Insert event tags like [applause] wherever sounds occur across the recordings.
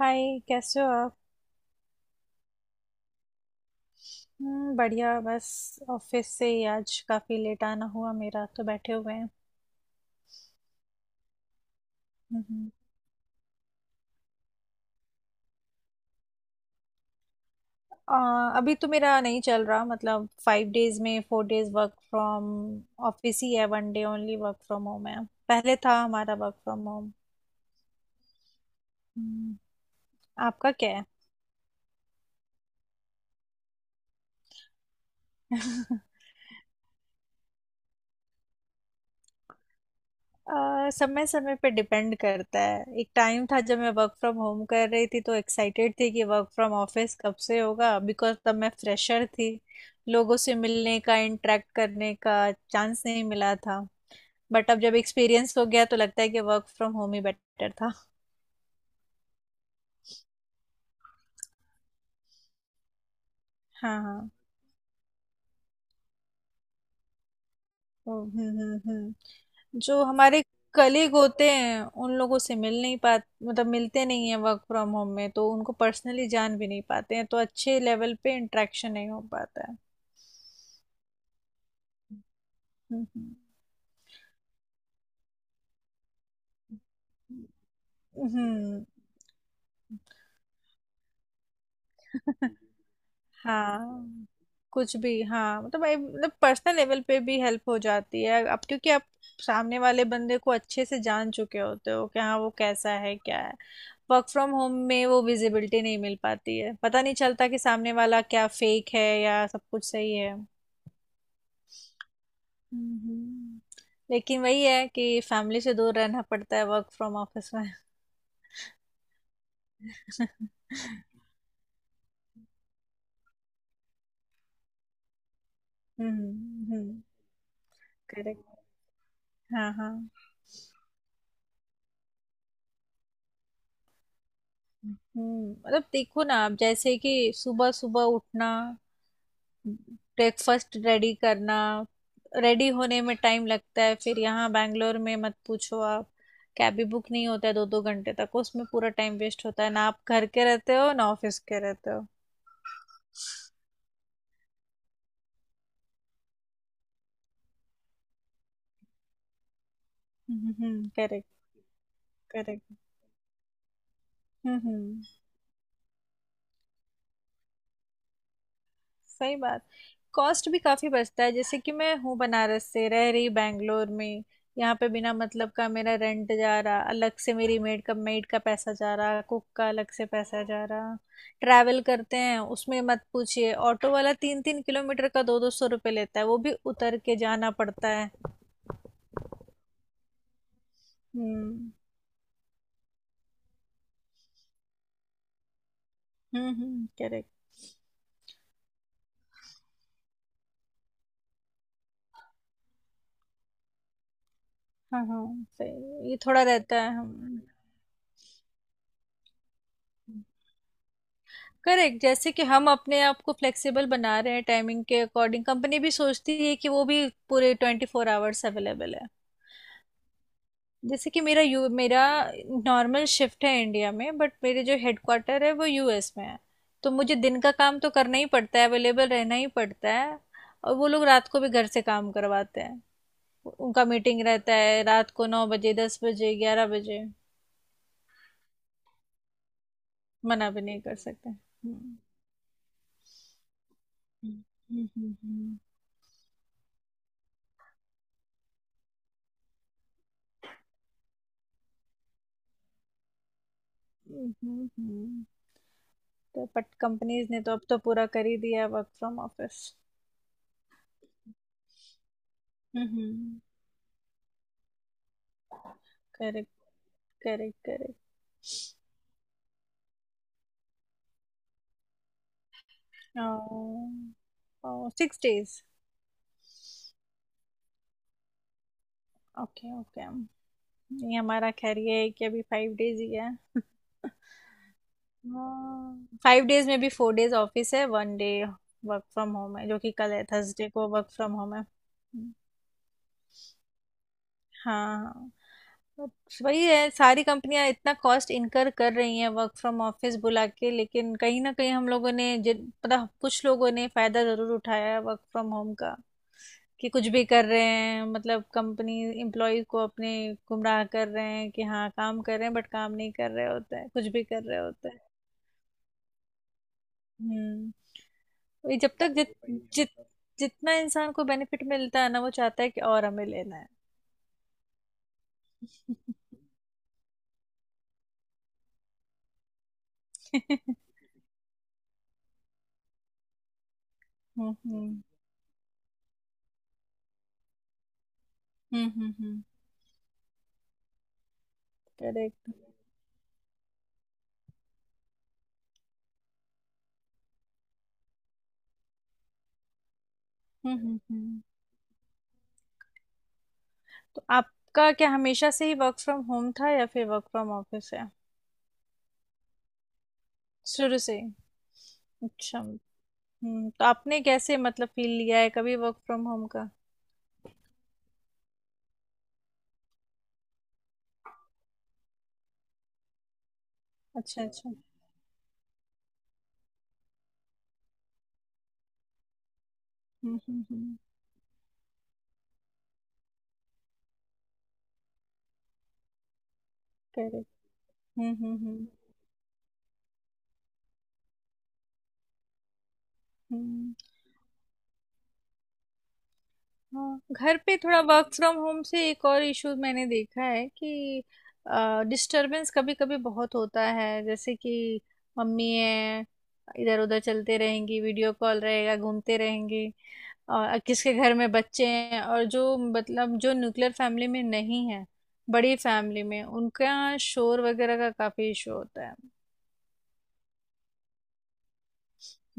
हाय, कैसे हो आप? बढ़िया, बस ऑफिस से ही आज काफ़ी लेट आना हुआ, मेरा तो बैठे हुए हैं। हम्म। अभी तो मेरा नहीं चल रहा, मतलब 5 डेज में 4 डेज वर्क फ्रॉम ऑफिस ही है, 1 day only work from home है। पहले था हमारा वर्क फ्रॉम होम। आपका क्या है? [laughs] समय समय पे डिपेंड करता है। एक टाइम था जब मैं वर्क फ्रॉम होम कर रही थी तो एक्साइटेड थी कि वर्क फ्रॉम ऑफिस कब से होगा, बिकॉज तब मैं फ्रेशर थी। लोगों से मिलने का, इंटरेक्ट करने का चांस नहीं मिला था। बट अब जब एक्सपीरियंस हो गया तो लगता है कि वर्क फ्रॉम होम ही बेटर था। हाँ हाँ। हम्म हम्म हम्म। जो हमारे कलीग होते हैं उन लोगों से मिल नहीं पाते, मतलब मिलते नहीं है वर्क फ्रॉम होम में, तो उनको पर्सनली जान भी नहीं पाते हैं, तो अच्छे लेवल पे इंटरेक्शन नहीं हो पाता है। हम्म हम्म हम्म। हाँ। कुछ भी, हाँ, मतलब भाई, मतलब पर्सनल लेवल पे भी हेल्प हो जाती है अब, क्योंकि आप सामने वाले बंदे को अच्छे से जान चुके होते हो कि हाँ वो कैसा है क्या है। वर्क फ्रॉम होम में वो विजिबिलिटी नहीं मिल पाती है, पता नहीं चलता कि सामने वाला क्या फेक है या सब कुछ सही है। हम्म। लेकिन वही है कि फैमिली से दूर रहना पड़ता है वर्क फ्रॉम ऑफिस में। [laughs] हम्म, करेक्ट। हाँ हाँ। हम्म, मतलब देखो ना आप, जैसे कि सुबह सुबह उठना, ब्रेकफास्ट रेडी करना, रेडी होने में टाइम लगता है, फिर यहाँ बैंगलोर में मत पूछो आप। कैब भी बुक नहीं होता है 2-2 घंटे तक, उसमें पूरा टाइम वेस्ट होता है, ना आप घर के रहते हो ना ऑफिस के रहते हो। हम्म, करेक्ट करेक्ट, हम्म। Correct, correct. हम्म हम्म। सही बात। कॉस्ट भी काफी बचता है, जैसे कि मैं हूँ बनारस से, रह रही बैंगलोर में। यहाँ पे बिना मतलब का मेरा रेंट जा रहा अलग से, मेरी मेड का पैसा जा रहा, कुक का अलग से पैसा जा रहा। ट्रैवल करते हैं उसमें मत पूछिए, ऑटो वाला 3-3 किलोमीटर का 200-200 रुपये लेता है, वो भी उतर के जाना पड़ता है। हम्म हम्म, करेक्ट। हाँ हाँ, सही, ये थोड़ा रहता है, हम। करेक्ट, जैसे कि हम अपने आप को फ्लेक्सिबल बना रहे हैं टाइमिंग के अकॉर्डिंग, कंपनी भी सोचती है कि वो भी पूरे 24 आवर्स अवेलेबल है। जैसे कि मेरा नॉर्मल शिफ्ट है इंडिया में, बट मेरे जो हेडक्वार्टर है वो US में है। तो मुझे दिन का काम तो करना ही पड़ता है, अवेलेबल रहना ही पड़ता है, और वो लोग रात को भी घर से काम करवाते हैं। उनका मीटिंग रहता है रात को 9 बजे, 10 बजे, 11 बजे। मना भी नहीं कर सकते, हम्म। Hmm hmm hmm hmm hmm, hmm, हम्म। तो बट कंपनीज ने तो अब तो पूरा कर ही दिया work from office. Hmm. Correct, correct correct. 6 days? Okay okay. ये हमारा, खैर, ये है कि अभी 5 डेज ही है। 5 डेज में भी 4 डेज ऑफिस है, 1 डे वर्क फ्रॉम होम है, जो कि कल है थर्सडे को वर्क फ्रॉम होम है। हाँ हाँ। वही है, सारी कंपनियां इतना कॉस्ट इनकर कर रही हैं वर्क फ्रॉम ऑफिस बुला के, लेकिन कहीं ना कहीं हम लोगों ने, जिन पता, कुछ लोगों ने फायदा जरूर उठाया है वर्क फ्रॉम होम का। कि कुछ भी कर रहे हैं, मतलब कंपनी एम्प्लॉय को अपने गुमराह कर रहे हैं कि हाँ काम कर रहे हैं, बट काम नहीं कर रहे होते हैं, कुछ भी कर रहे होते हैं। हम्म। वही, जब तक जित जित जितना इंसान को बेनिफिट मिलता है ना, वो चाहता है कि और हमें लेना है। [laughs] हम्म हम्म हम्म, करेक्ट। हम्म हम्म हम्म। तो आपका क्या, हमेशा से ही वर्क फ्रॉम होम था या फिर वर्क फ्रॉम ऑफिस है? शुरू से ही? अच्छा। हम्म, तो आपने कैसे, मतलब फील लिया है कभी वर्क फ्रॉम होम का? अच्छा अच्छा। हम्म, करेक्ट। हम्म हम्म हम्म हम्म। हाँ, घर पे थोड़ा, वर्क फ्रॉम होम से एक और इशू मैंने देखा है कि डिस्टरबेंस कभी कभी बहुत होता है, जैसे कि मम्मी है, इधर उधर चलते रहेंगी, वीडियो कॉल रहेगा, घूमते रहेंगी, और किसके घर में बच्चे हैं और जो, मतलब जो न्यूक्लियर फैमिली में नहीं है, बड़ी फैमिली में, उनका शोर वगैरह का काफी इशू होता है।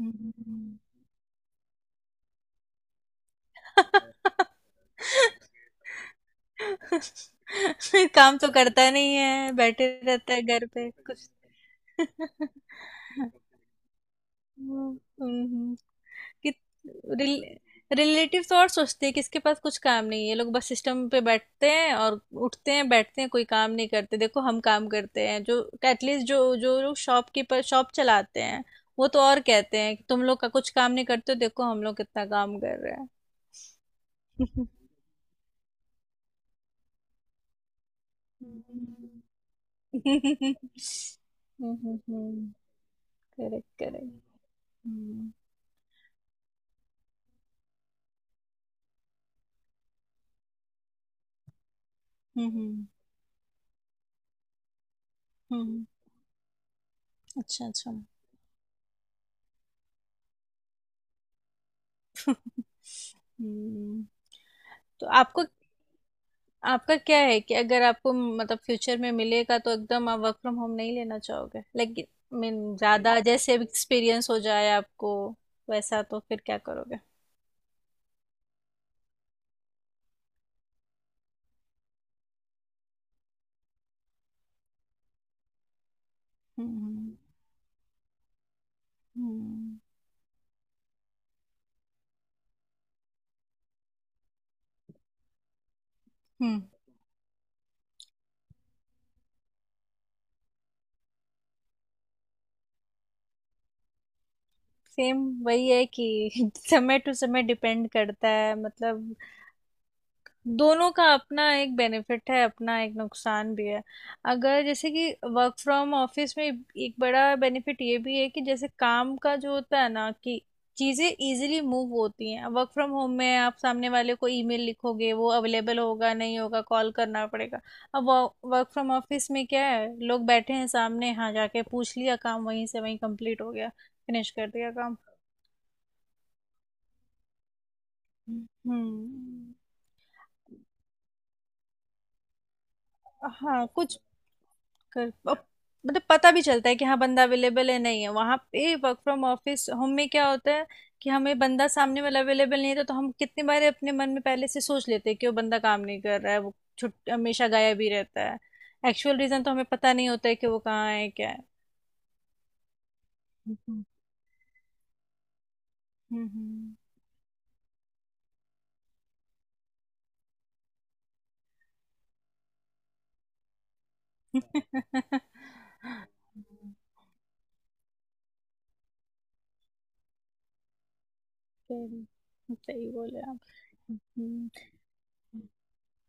हम्म। [laughs] काम तो करता नहीं है, बैठे रहता है घर पे कुछ। [laughs] हम्म, हम्म। कि रिलेटिव तो और सोचते हैं कि इसके पास कुछ काम नहीं है, ये लोग बस सिस्टम पे बैठते हैं और उठते हैं बैठते हैं, कोई काम नहीं करते। देखो हम काम करते हैं जो, एटलीस्ट जो जो लोग शॉपकीपर शॉप चलाते हैं, वो तो और कहते हैं कि तुम लोग का कुछ काम नहीं करते हो, देखो हम लोग कितना काम कर रहे हैं। [laughs] Correct correct. Hmm hmm hmm, अच्छा अच्छा। हम्म, तो आपको, आपका क्या है कि अगर आपको मतलब फ्यूचर में मिलेगा तो एकदम आप वर्क फ्रॉम होम नहीं लेना चाहोगे? लाइक मीन ज्यादा, जैसे एक्सपीरियंस हो जाए आपको, वैसा तो फिर क्या करोगे? हम्म हम्म, सेम। वही है कि [laughs] समय टू समय डिपेंड करता है, मतलब दोनों का अपना एक बेनिफिट है, अपना एक नुकसान भी है। अगर जैसे कि वर्क फ्रॉम ऑफिस में एक बड़ा बेनिफिट ये भी है कि जैसे काम का जो होता है ना, कि चीज़ें इजीली मूव होती हैं। वर्क फ्रॉम होम में आप सामने वाले को ईमेल लिखोगे, वो अवेलेबल होगा नहीं होगा, कॉल करना पड़ेगा। अब वर्क फ्रॉम ऑफिस में क्या है, लोग बैठे हैं सामने, हाँ जाके पूछ लिया, काम वहीं से वहीं कंप्लीट हो गया, फिनिश कर दिया काम। हम्म। हाँ कुछ कर, अब मतलब पता भी चलता है कि हाँ बंदा अवेलेबल है नहीं है वहां पे। वर्क फ्रॉम ऑफिस होम में क्या होता है कि हमें बंदा सामने वाला अवेलेबल नहीं था तो हम कितनी बार अपने मन में पहले से सोच लेते हैं कि वो बंदा काम नहीं कर रहा है, वो छुट हमेशा गायब ही रहता है। एक्चुअल रीजन तो हमें पता नहीं होता है कि वो कहाँ है क्या है। हम्म हम्म, हम्म। [laughs] सही, सही बोले आप। हम्म।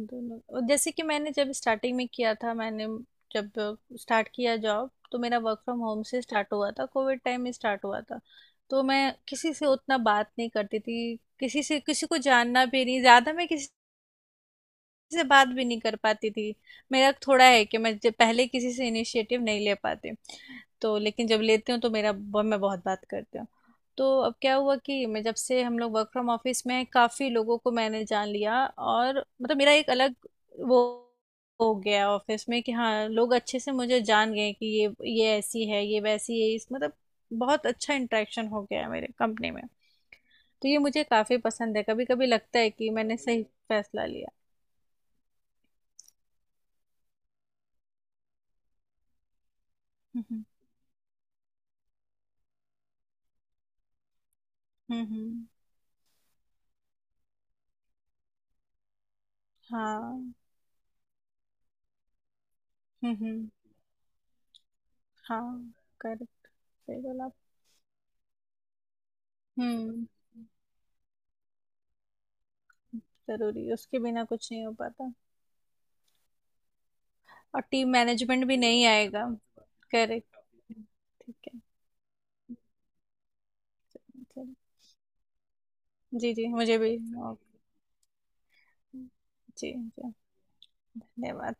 दोनों, और जैसे कि मैंने जब स्टार्टिंग में किया था, मैंने जब स्टार्ट किया जॉब, तो मेरा वर्क फ्रॉम होम से स्टार्ट हुआ था, कोविड टाइम में स्टार्ट हुआ था। तो मैं किसी से उतना बात नहीं करती थी, किसी से किसी को जानना भी नहीं ज़्यादा, मैं किसी से बात भी नहीं कर पाती थी। मेरा थोड़ा है कि मैं जब पहले किसी से इनिशिएटिव नहीं ले पाती, तो लेकिन जब लेती हूँ तो मेरा मैं बहुत बात करती हूँ। तो अब क्या हुआ कि मैं जब से हम लोग वर्क फ्रॉम ऑफिस में हैं, काफ़ी लोगों को मैंने जान लिया, और मतलब मेरा एक अलग वो हो गया ऑफिस में कि हाँ लोग अच्छे से मुझे जान गए कि ये ऐसी है, ये वैसी है, इस मतलब बहुत अच्छा इंटरेक्शन हो गया है मेरे कंपनी में। तो ये मुझे काफ़ी पसंद है, कभी कभी लगता है कि मैंने सही फैसला लिया। हम्म हम्म हम्म, हम्म। हाँ। हम्म हम्म, हाँ। करेक्ट, सही बोला आप। हम्म, जरूरी, उसके बिना कुछ नहीं हो पाता। और टीम मैनेजमेंट भी नहीं आएगा। करेक्ट, ठीक है। चलो। जी जी, मुझे भी। ओके। जी जी। धन्यवाद।